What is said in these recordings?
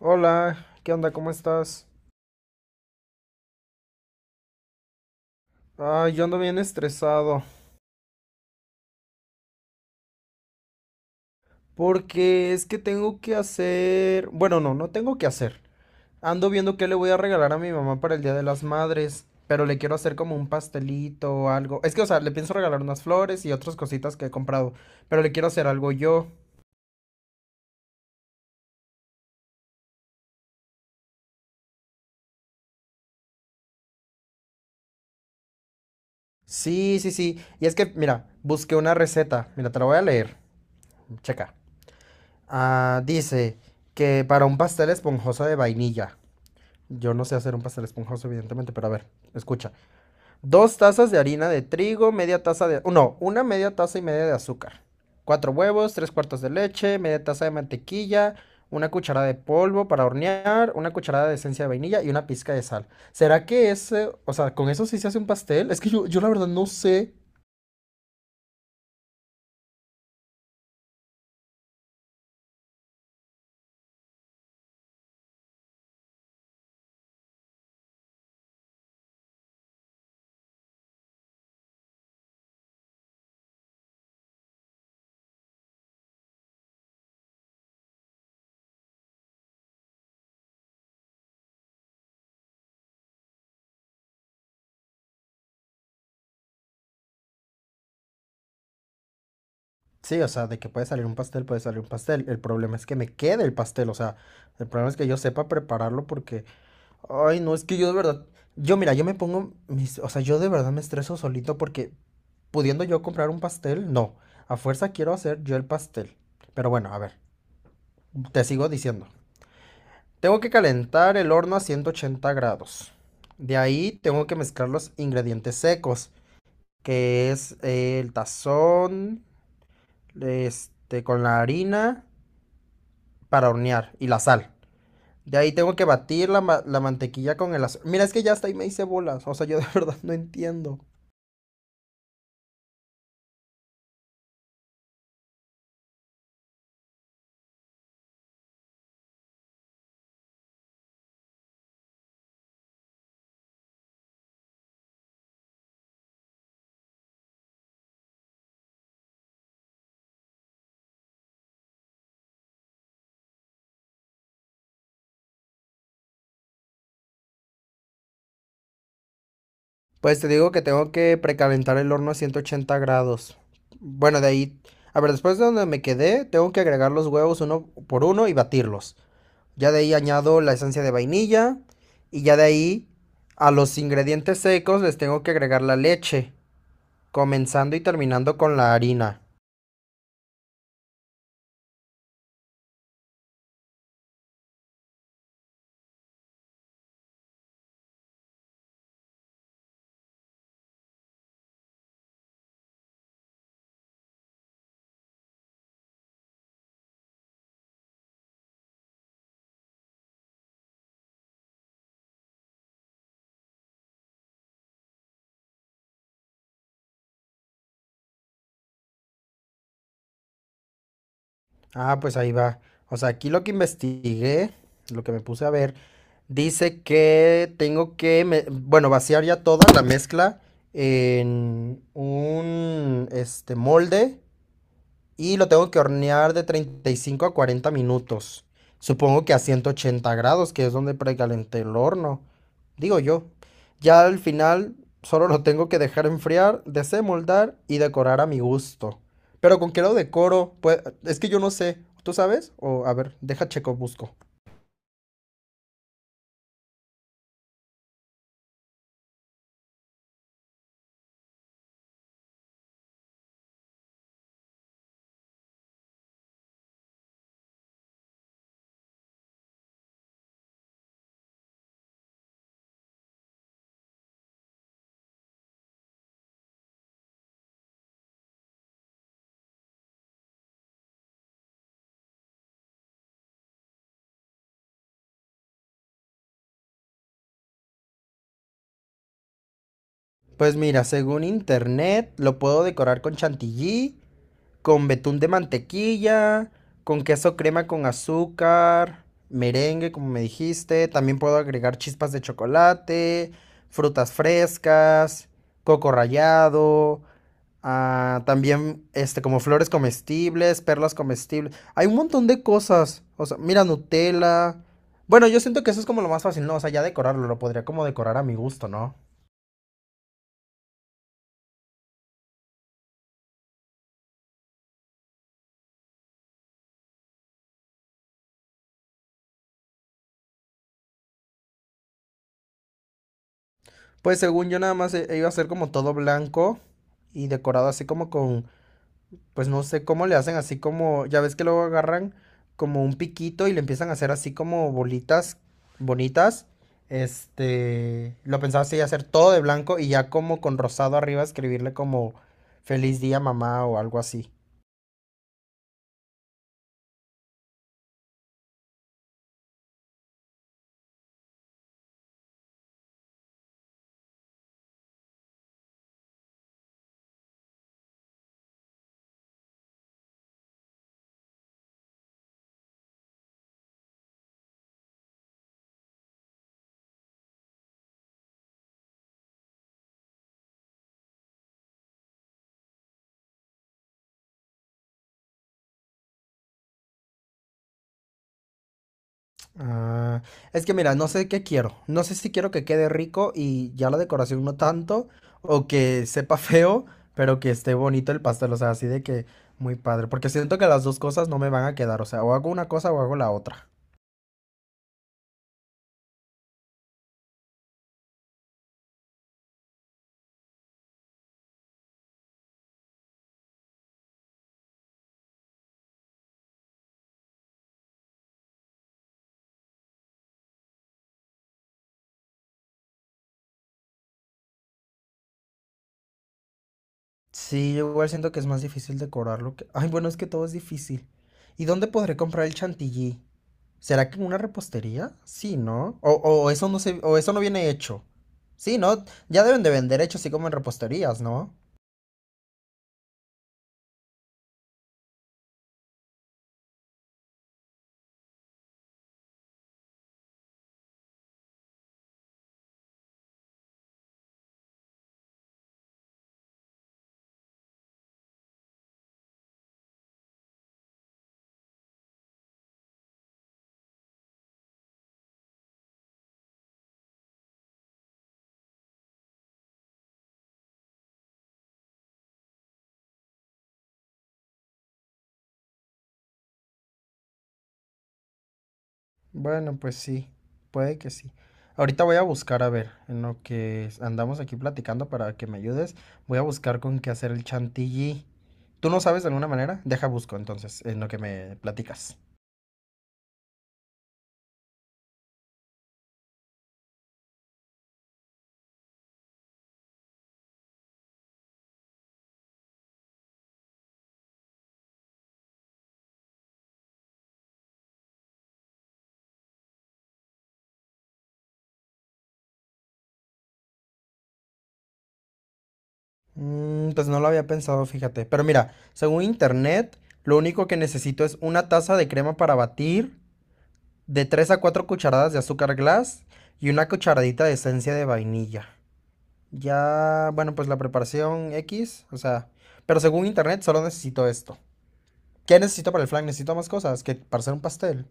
Hola, ¿qué onda? ¿Cómo estás? Ah, yo ando bien estresado porque es que tengo que hacer, bueno, no, no tengo que hacer. Ando viendo qué le voy a regalar a mi mamá para el Día de las Madres, pero le quiero hacer como un pastelito o algo. Es que, o sea, le pienso regalar unas flores y otras cositas que he comprado, pero le quiero hacer algo yo. Sí, sí, sí. Y es que, mira, busqué una receta. Mira, te la voy a leer. Checa. Ah, dice que para un pastel esponjoso de vainilla. Yo no sé hacer un pastel esponjoso, evidentemente, pero a ver, escucha. 2 tazas de harina de trigo, media taza de... No, una media taza y media de azúcar. Cuatro huevos, tres cuartos de leche, media taza de mantequilla, una cucharada de polvo para hornear, una cucharada de esencia de vainilla y una pizca de sal. ¿Será que ese, o sea, con eso sí se hace un pastel? Es que yo la verdad no sé. Sí, o sea, de que puede salir un pastel, puede salir un pastel. El problema es que me quede el pastel, o sea, el problema es que yo sepa prepararlo porque ay, no, es que yo de verdad, yo mira, yo me pongo mis, o sea, yo de verdad me estreso solito porque pudiendo yo comprar un pastel, no, a fuerza quiero hacer yo el pastel. Pero bueno, a ver, te sigo diciendo. Tengo que calentar el horno a 180 grados. De ahí tengo que mezclar los ingredientes secos, que es el tazón, este, con la harina para hornear y la sal. De ahí tengo que batir la mantequilla con el azúcar. Mira, es que ya hasta ahí me hice bolas. O sea, yo de verdad no entiendo. Pues te digo que tengo que precalentar el horno a 180 grados. Bueno, de ahí. A ver, después de donde me quedé, tengo que agregar los huevos uno por uno y batirlos. Ya de ahí añado la esencia de vainilla. Y ya de ahí a los ingredientes secos les tengo que agregar la leche. Comenzando y terminando con la harina. Ah, pues ahí va. O sea, aquí lo que investigué, lo que me puse a ver, dice que tengo que, bueno, vaciar ya toda la mezcla en un, este, molde y lo tengo que hornear de 35 a 40 minutos. Supongo que a 180 grados, que es donde precalenté el horno, digo yo. Ya al final solo lo tengo que dejar enfriar, desemoldar y decorar a mi gusto. Pero ¿con qué lo decoro? Pues es que yo no sé. ¿Tú sabes? O a ver, deja checo, busco. Pues mira, según internet lo puedo decorar con chantilly, con betún de mantequilla, con queso crema con azúcar, merengue, como me dijiste. También puedo agregar chispas de chocolate, frutas frescas, coco rallado, ah, también este, como flores comestibles, perlas comestibles. Hay un montón de cosas. O sea, mira, Nutella. Bueno, yo siento que eso es como lo más fácil, ¿no? O sea, ya decorarlo, lo podría como decorar a mi gusto, ¿no? Pues según yo nada más iba a ser como todo blanco y decorado así como con... Pues no sé cómo le hacen así como, ya ves que luego agarran como un piquito y le empiezan a hacer así como bolitas bonitas. Este, lo pensaba así hacer todo de blanco y ya como con rosado arriba escribirle como feliz día mamá o algo así. Ah, es que mira, no sé qué quiero. No sé si quiero que quede rico y ya la decoración no tanto o que sepa feo, pero que esté bonito el pastel, o sea, así de que muy padre, porque siento que las dos cosas no me van a quedar, o sea, o hago una cosa o hago la otra. Sí, yo igual siento que es más difícil decorarlo que... Ay, bueno, es que todo es difícil. ¿Y dónde podré comprar el chantilly? ¿Será que en una repostería? Sí, ¿no? O eso no se, o eso no viene hecho. Sí, ¿no? Ya deben de vender hecho así como en reposterías, ¿no? Bueno, pues sí, puede que sí. Ahorita voy a buscar, a ver, en lo que andamos aquí platicando para que me ayudes, voy a buscar con qué hacer el chantilly. ¿Tú no sabes de alguna manera? Deja busco entonces, en lo que me platicas. Mm, pues no lo había pensado, fíjate. Pero mira, según internet, lo único que necesito es una taza de crema para batir, de 3 a 4 cucharadas de azúcar glass y una cucharadita de esencia de vainilla. Ya, bueno, pues la preparación X, o sea, pero según internet solo necesito esto. ¿Qué necesito para el flan? Necesito más cosas que para hacer un pastel.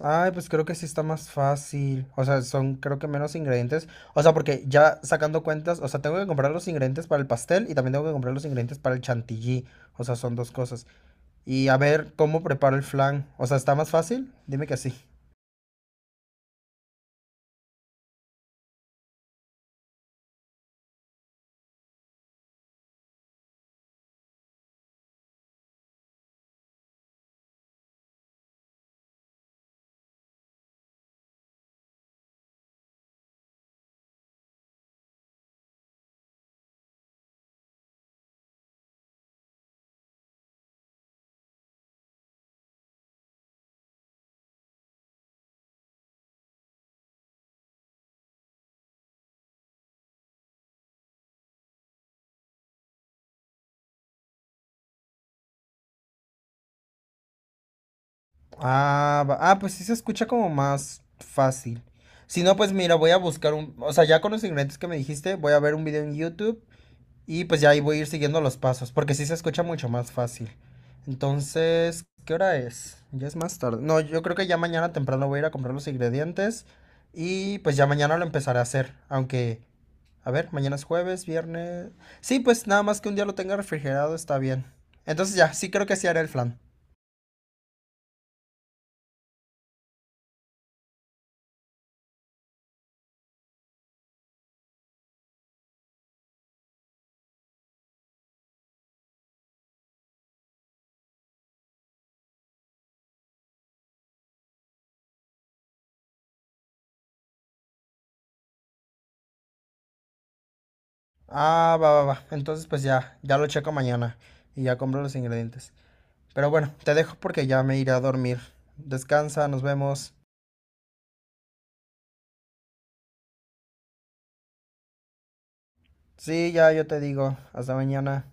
Ay, pues creo que sí está más fácil. O sea, son creo que menos ingredientes. O sea, porque ya sacando cuentas, o sea, tengo que comprar los ingredientes para el pastel y también tengo que comprar los ingredientes para el chantilly. O sea, son dos cosas. Y a ver cómo preparo el flan. O sea, ¿está más fácil? Dime que sí. Ah, ah, pues sí se escucha como más fácil. Si no, pues mira, voy a buscar un... O sea, ya con los ingredientes que me dijiste, voy a ver un video en YouTube. Y pues ya ahí voy a ir siguiendo los pasos, porque sí se escucha mucho más fácil. Entonces, ¿qué hora es? Ya es más tarde. No, yo creo que ya mañana temprano voy a ir a comprar los ingredientes y pues ya mañana lo empezaré a hacer, aunque, a ver, mañana es jueves, viernes. Sí, pues nada más que un día lo tenga refrigerado está bien. Entonces ya, sí creo que sí haré el flan. Ah, va, va, va. Entonces pues ya, ya lo checo mañana y ya compro los ingredientes. Pero bueno, te dejo porque ya me iré a dormir. Descansa, nos vemos. Sí, ya yo te digo. Hasta mañana.